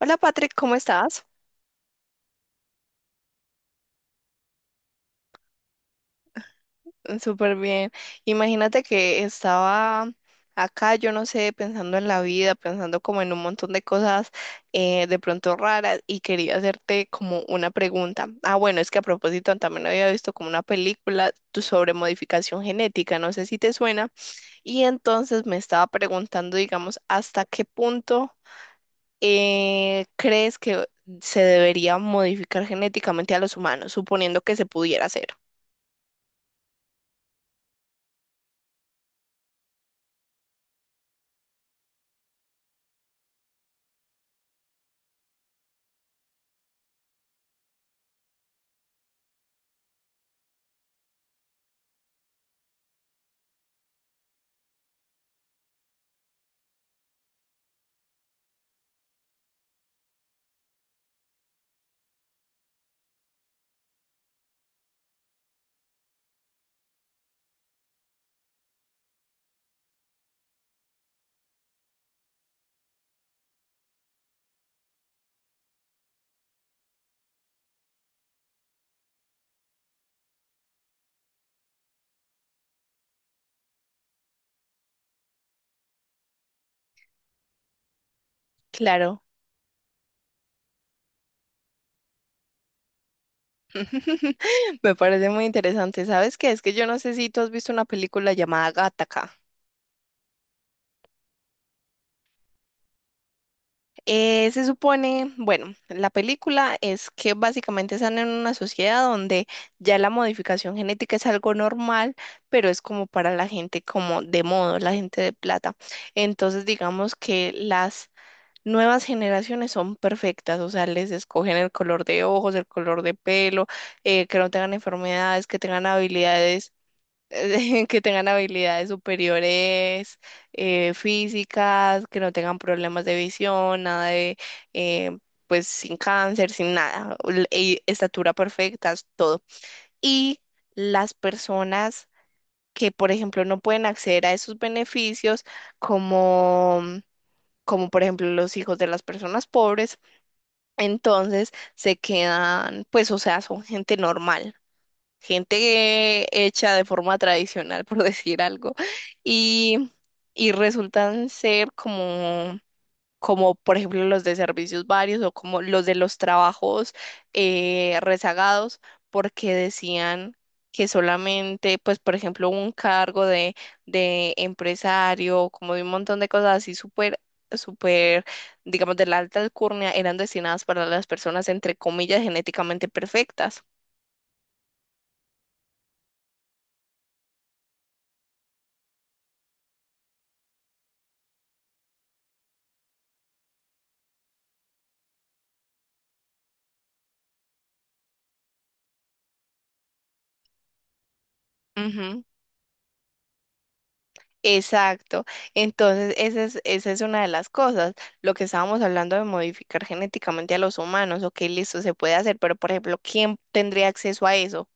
Hola Patrick, ¿cómo estás? Súper bien. Imagínate que estaba acá, yo no sé, pensando en la vida, pensando como en un montón de cosas de pronto raras y quería hacerte como una pregunta. Ah, bueno, es que a propósito también había visto como una película sobre modificación genética, no sé si te suena. Y entonces me estaba preguntando, digamos, ¿hasta qué punto crees que se debería modificar genéticamente a los humanos, suponiendo que se pudiera hacer? Claro, me parece muy interesante. ¿Sabes qué? Es que yo no sé si tú has visto una película llamada Gattaca. Se supone, bueno, la película es que básicamente están en una sociedad donde ya la modificación genética es algo normal, pero es como para la gente como de modo, la gente de plata. Entonces, digamos que las nuevas generaciones son perfectas, o sea, les escogen el color de ojos, el color de pelo, que no tengan enfermedades, que tengan habilidades, que tengan habilidades superiores, físicas, que no tengan problemas de visión, nada de, eh, pues, sin cáncer, sin nada, y estatura perfecta, todo. Y las personas que, por ejemplo, no pueden acceder a esos beneficios, como como por ejemplo los hijos de las personas pobres, entonces se quedan, pues, o sea, son gente normal, gente hecha de forma tradicional, por decir algo, y, y resultan ser como como por ejemplo los de servicios varios o como los de los trabajos rezagados, porque decían que solamente, pues por ejemplo, un cargo de empresario, como de un montón de cosas así súper, súper, digamos, de la alta alcurnia, eran destinadas para las personas, entre comillas, genéticamente perfectas. Ujú. Exacto. Entonces, esa es una de las cosas, lo que estábamos hablando de modificar genéticamente a los humanos, ok, listo, se puede hacer, pero por ejemplo, ¿quién tendría acceso a eso?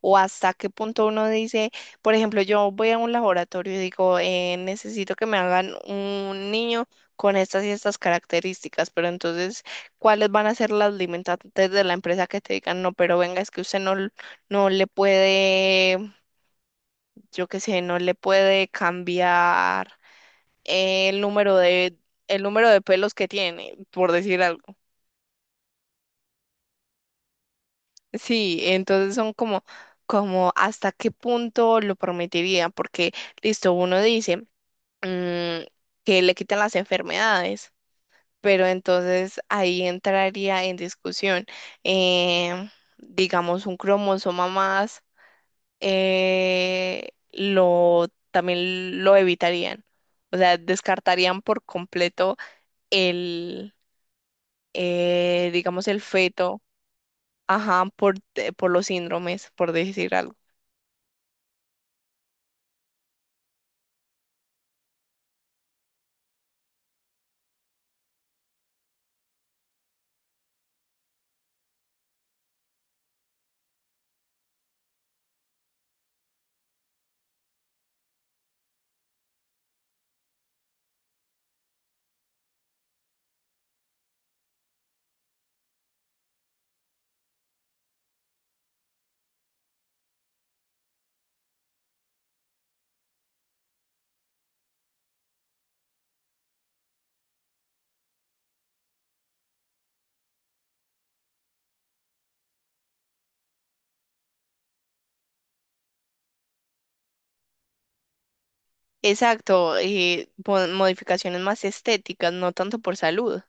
O hasta qué punto uno dice, por ejemplo, yo voy a un laboratorio y digo, necesito que me hagan un niño con estas y estas características, pero entonces, ¿cuáles van a ser las limitantes de la empresa que te digan, no, pero venga, es que usted no, no le puede, yo qué sé, no le puede cambiar el número de, el número de pelos que tiene, por decir algo? Sí, entonces son como, como hasta qué punto lo permitiría, porque listo, uno dice mm, que le quitan las enfermedades, pero entonces ahí entraría en discusión, eh, digamos, un cromosoma más, lo también lo evitarían. O sea, descartarían por completo digamos, el feto, ajá, por los síndromes, por decir algo. Exacto, y modificaciones más estéticas, no tanto por salud,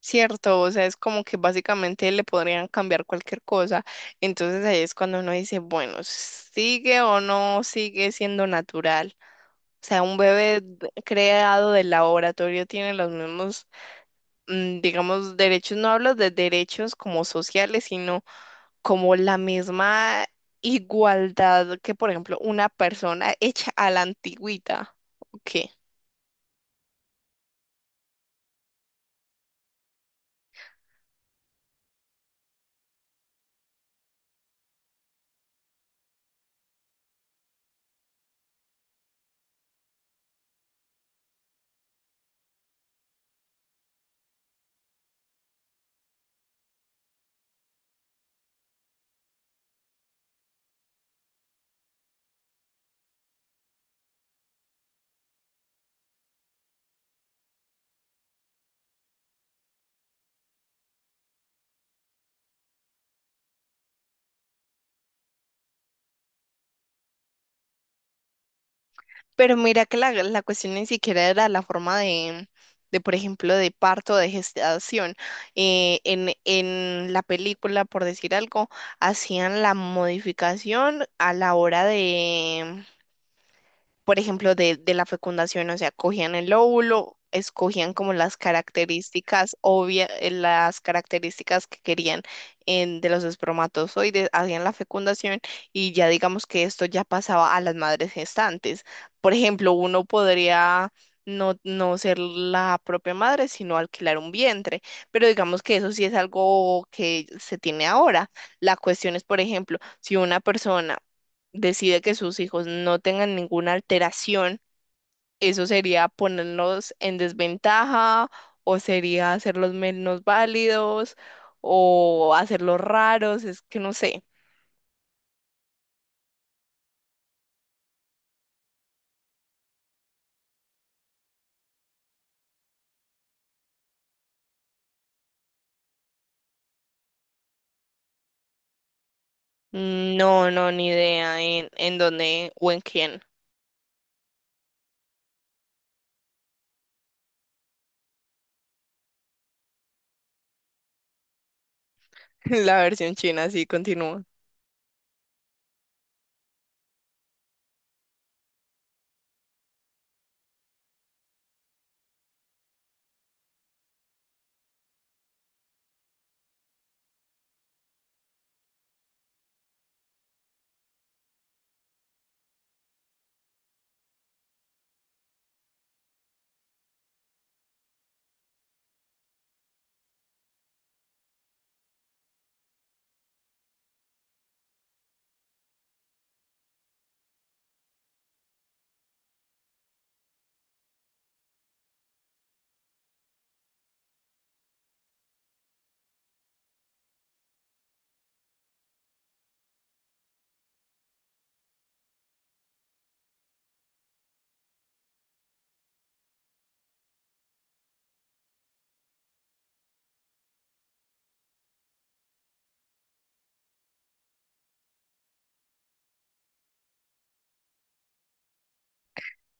¿cierto? O sea, es como que básicamente le podrían cambiar cualquier cosa. Entonces ahí es cuando uno dice, bueno, ¿sigue o no sigue siendo natural? O sea, un bebé creado del laboratorio tiene los mismos, digamos, derechos, no hablo de derechos como sociales, sino como la misma igualdad que, por ejemplo, una persona hecha a la antigüita. Ok. Pero mira que la cuestión ni siquiera era la forma por ejemplo, de parto, de gestación. En la película, por decir algo, hacían la modificación a la hora de por ejemplo, de la fecundación, o sea, cogían el óvulo, escogían como las características obvias, las características que querían de los espermatozoides, hacían la fecundación y ya digamos que esto ya pasaba a las madres gestantes. Por ejemplo, uno podría no ser la propia madre, sino alquilar un vientre, pero digamos que eso sí es algo que se tiene ahora. La cuestión es, por ejemplo, si una persona decide que sus hijos no tengan ninguna alteración, eso sería ponernos en desventaja o sería hacerlos menos válidos o hacerlos raros, es que no sé. No, no, ni idea en dónde o en quién. La versión china sí continúa.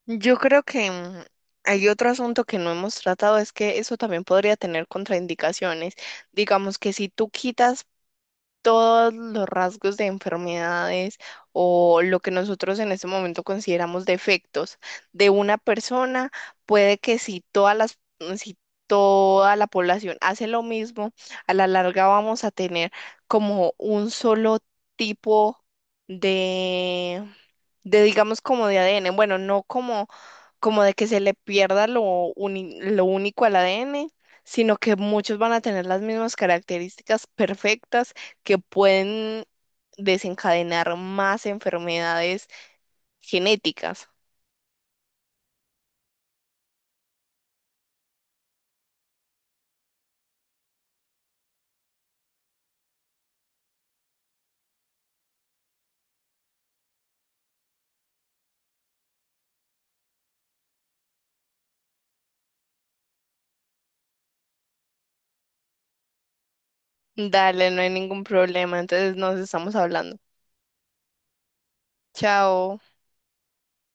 Yo creo que hay otro asunto que no hemos tratado, es que eso también podría tener contraindicaciones. Digamos que si tú quitas todos los rasgos de enfermedades o lo que nosotros en este momento consideramos defectos de una persona, puede que si todas si toda la población hace lo mismo, a la larga vamos a tener como un solo tipo de, de digamos como de ADN. Bueno, no como, como de que se le pierda lo, lo único al ADN sino que muchos van a tener las mismas características perfectas que pueden desencadenar más enfermedades genéticas. Dale, no hay ningún problema, entonces nos estamos hablando. Chao.